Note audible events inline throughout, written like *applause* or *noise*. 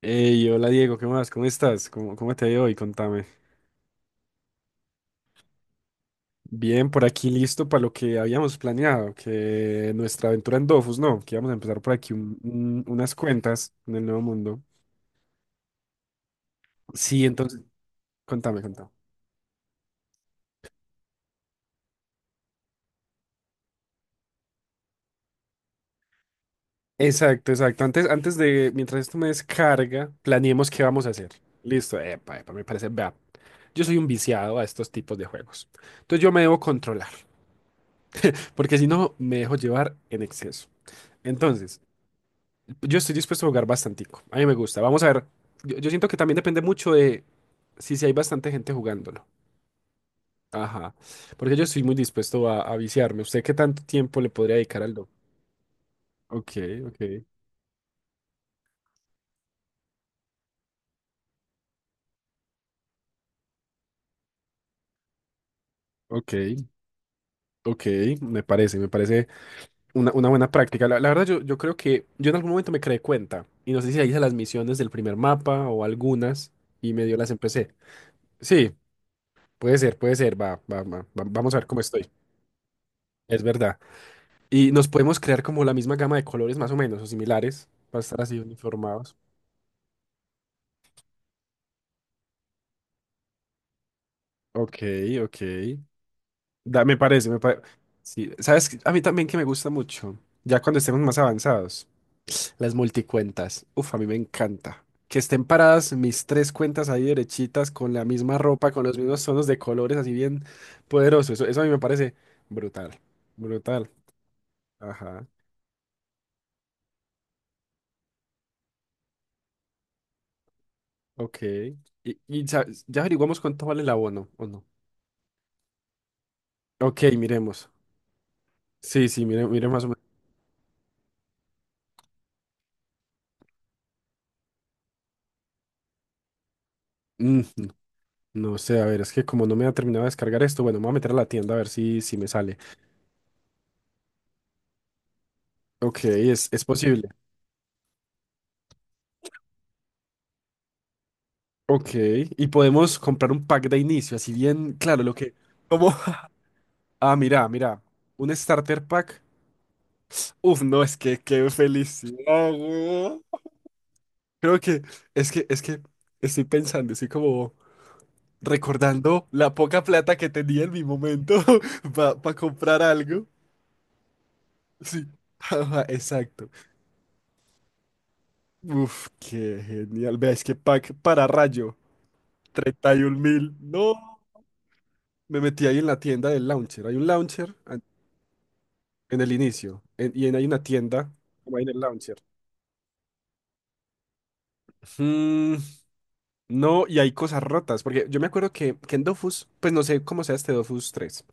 Hey, hola Diego, ¿qué más? ¿Cómo estás? ¿Cómo te ha ido hoy? Contame. Bien, por aquí listo para lo que habíamos planeado, que nuestra aventura en Dofus, ¿no? Que íbamos a empezar por aquí unas cuentas en el Nuevo Mundo. Sí, entonces, contame, contame. Exacto, exacto. Antes de, mientras esto me descarga, planeemos qué vamos a hacer. Listo, epa, epa, me parece, vea, yo soy un viciado a estos tipos de juegos. Entonces yo me debo controlar, porque si no, me dejo llevar en exceso. Entonces, yo estoy dispuesto a jugar bastantico. A mí me gusta. Vamos a ver. Yo siento que también depende mucho de si hay bastante gente jugándolo. Ajá. Porque yo estoy muy dispuesto a viciarme. ¿Usted qué tanto tiempo le podría dedicar al do? Ok, ok, ok, ok. Me parece una buena práctica. La verdad, yo creo que yo en algún momento me creé cuenta. Y no sé si la hice las misiones del primer mapa o algunas. Y medio las empecé. Sí, puede ser, puede ser. Vamos a ver cómo estoy. Es verdad. Y nos podemos crear como la misma gama de colores más o menos, o similares, para estar así uniformados. Ok, ok. Me parece, me parece. Sí, ¿sabes qué? A mí también que me gusta mucho, ya cuando estemos más avanzados, las multicuentas. Uf, a mí me encanta. Que estén paradas mis tres cuentas ahí derechitas, con la misma ropa, con los mismos tonos de colores, así bien poderoso. Eso a mí me parece brutal, brutal. Ajá, ok. Y ya, ya averiguamos cuánto vale el abono, ¿o no? Ok, miremos. Sí, sí, mire, mire más o menos. No no sé, a ver, es que como no me ha terminado de descargar esto, bueno, me voy a meter a la tienda a ver si me sale. Ok, es posible. Ok, y podemos comprar un pack de inicio, así bien, claro, lo que... cómo. *laughs* Ah, mira, mira, un starter pack. Uf, no, es que qué felicidad, weón. Creo que, es que estoy pensando, estoy como recordando la poca plata que tenía en mi momento *laughs* para comprar algo. Sí, *laughs* ajá, exacto. Uf, qué genial. Veáis que pack para rayo. 31.000. No. Me metí ahí en la tienda del launcher. Hay un launcher an- en el inicio. En- y en- hay una tienda. Como ahí en el launcher. Mm, no, y hay cosas rotas. Porque yo me acuerdo que en Dofus, pues no sé cómo sea este Dofus tres,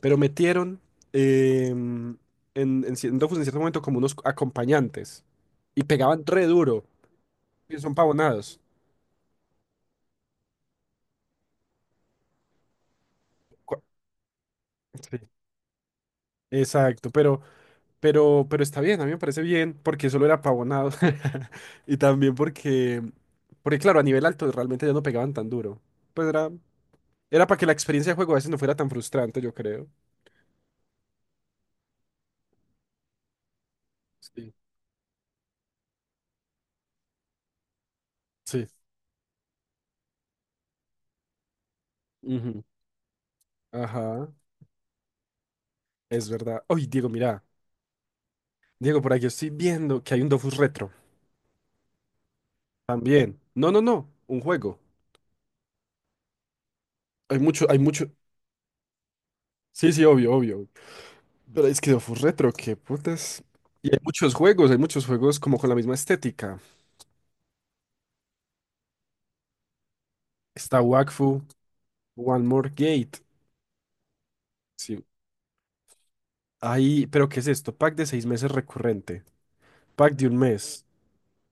pero metieron em, en Dofus en cierto momento como unos acompañantes. Y pegaban re duro. Y son pavonados. Cu- Sí. Exacto, pero. Pero está bien, a mí me parece bien porque solo era pavonado. *laughs* Y también porque, claro, a nivel alto realmente ya no pegaban tan duro. Pues era, para que la experiencia de juego a veces no fuera tan frustrante, yo creo. Sí. Sí. Ujú. Ajá, es verdad. Oye, Diego, mira. Diego, por aquí estoy viendo que hay un Dofus Retro. También. No, no, no, un juego. Hay mucho, hay mucho. Sí, sí, obvio, obvio. Pero es que Dofus Retro, qué putas. Y hay muchos juegos como con la misma estética. Está Wakfu. One More Gate. Sí. Ahí, pero ¿qué es esto? Pack de 6 meses recurrente. Pack de un mes.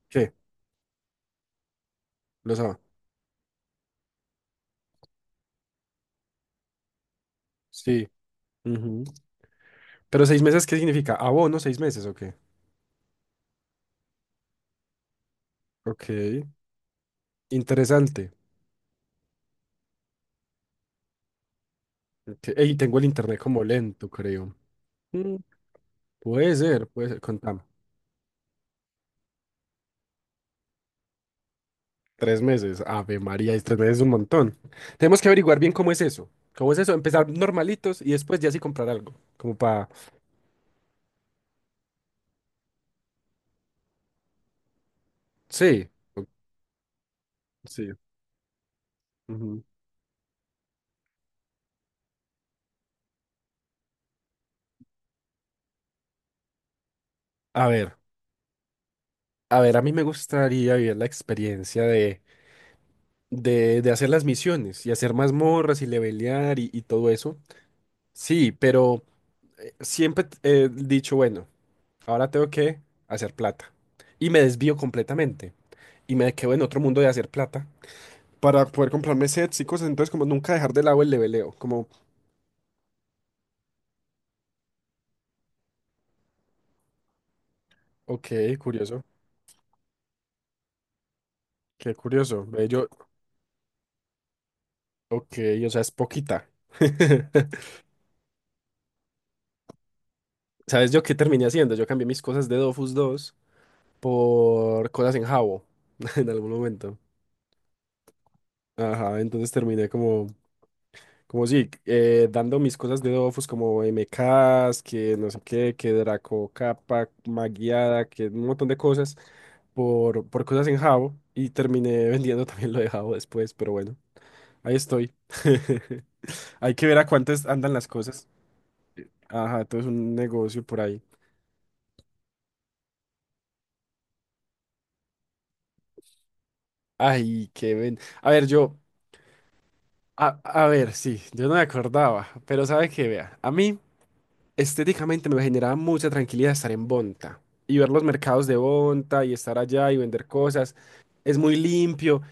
¿Qué? Lo sabe. Sí. Ujú. Pero 6 meses, ¿qué significa? ¿Abono 6 meses o qué? Ok. Interesante. Ok. Ey, tengo el internet como lento, creo. Mm, Puede ser, puede ser. Contame. 3 meses. Ave María, es 3 meses es un montón. Tenemos que averiguar bien cómo es eso. ¿Cómo es eso? Empezar normalitos y después ya sí comprar algo. Como para. Sí. o- Sí. Ujú. A ver. A ver, a mí me gustaría vivir la experiencia de hacer las misiones y hacer mazmorras y levelear y todo eso. Sí, pero siempre he dicho, bueno, ahora tengo que hacer plata. Y me desvío completamente. Y me quedo en otro mundo de hacer plata para poder comprarme sets y cosas. Entonces, como nunca dejar de lado el leveleo. Como, ok, curioso. Qué curioso. Ve, yo, ok, o sea, es poquita. *laughs* ¿Sabes yo qué terminé haciendo? Yo cambié mis cosas de Dofus dos por cosas en jabo *laughs* en algún momento. Ajá, entonces terminé como, como sí, dando mis cosas de Dofus como MKs, que no sé qué, que Draco Capa, Maguiada, que un montón de cosas por cosas en jabo y terminé *laughs* vendiendo también lo de jabo después, pero bueno, ahí estoy. *laughs* Hay que ver a cuántas andan las cosas. Ajá, todo es un negocio por ahí. Ay, qué ven. A ver, yo, a ver, sí, yo no me acordaba, pero sabe que vea, a mí. Estéticamente me generaba mucha tranquilidad estar en Bonta y ver los mercados de Bonta y estar allá y vender cosas. Es muy limpio,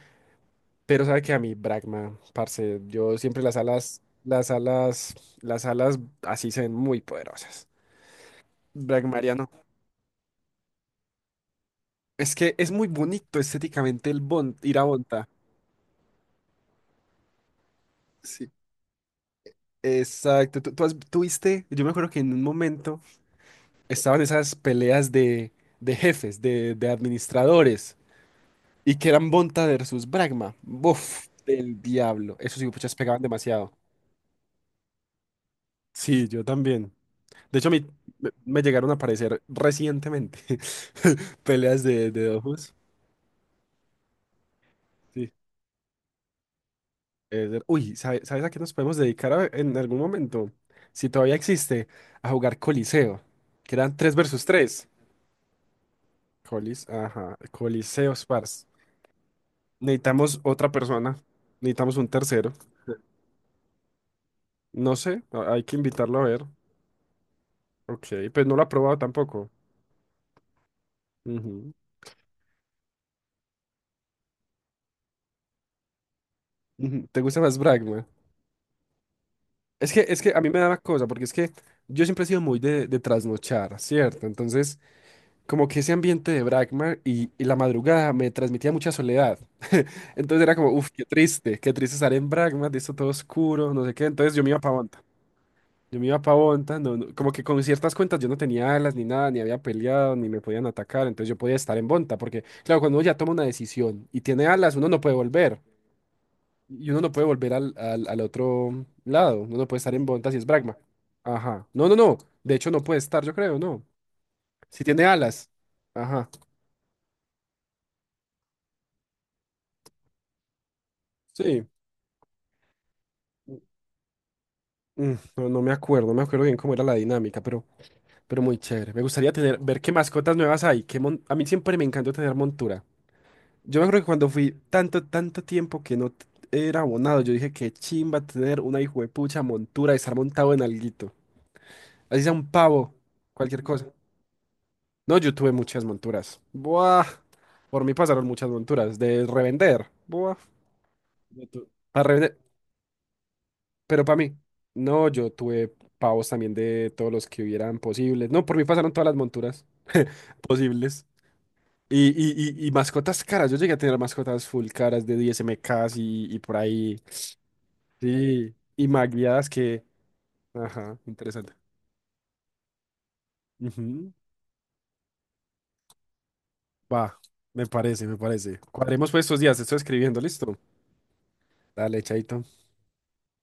pero sabe que a mí, Bragma, parce, yo siempre las alas, las alas, las alas así se ven muy poderosas. Bragmariano. Es que es muy bonito estéticamente el Bon- ir a Bonta. Sí. Exacto. Tú has- tú viste, yo me acuerdo que en un momento estaban esas peleas de, jefes, de administradores. Y que eran Bonta versus Bragma. Buf, del diablo. Esos puchas pegaban demasiado. Sí, yo también. De hecho, a mí me llegaron a aparecer recientemente *laughs* peleas de, dojos. Sí. De- uy, ¿sabe- ¿sabes a qué nos podemos dedicar a- en algún momento? Si todavía existe, a jugar Coliseo, que eran 3 versus tres. Colis, ajá, Coliseo Spars. Necesitamos otra persona, necesitamos un tercero. No sé, a- hay que invitarlo a ver. Ok, pues no lo ha probado tampoco. Ujú, ujú. ¿Te gusta más Bragman? Es que a mí me da una cosa, porque es que yo siempre he sido muy de, trasnochar, ¿cierto? Entonces, como que ese ambiente de Bragman y la madrugada me transmitía mucha soledad. Entonces era como, uff, qué triste estar en Bragman, de esto todo oscuro, no sé qué. Entonces yo me iba para Bonta. Yo me iba para Bonta, no- no- como que con ciertas cuentas yo no tenía alas ni nada, ni había peleado, ni me podían atacar. Entonces yo podía estar en Bonta, porque claro, cuando uno ya toma una decisión y tiene alas, uno no puede volver. Y uno no puede volver al, al otro lado. Uno no puede estar en Bonta si es Bragma. Ajá. No, no, no. De hecho, no puede estar, yo creo, no. Si tiene alas. Ajá. Sí. No, no me acuerdo, no me acuerdo bien cómo era la dinámica, pero, muy chévere. Me gustaría tener, ver qué mascotas nuevas hay. Qué mon- A mí siempre me encantó tener montura. Yo me acuerdo que cuando fui tanto, tanto tiempo que no t- era abonado, yo dije qué chimba tener una hijuepucha montura, y estar montado en alguito. Así sea un pavo, cualquier cosa. No, yo tuve muchas monturas. Buah. Por mí pasaron muchas monturas. De revender. Buah. Yo tu- Para revender. Pero para mí. No, yo tuve pavos también de todos los que hubieran posibles. No, por mí pasaron todas las monturas *laughs* posibles. Y mascotas caras. Yo llegué a tener mascotas full caras de 10 MKs y por ahí. Sí. Y magueadas que. Ajá, interesante. Ujú. Va, me parece, me parece. Cuadremos pues estos días. Estoy escribiendo, ¿listo? Dale, chaito.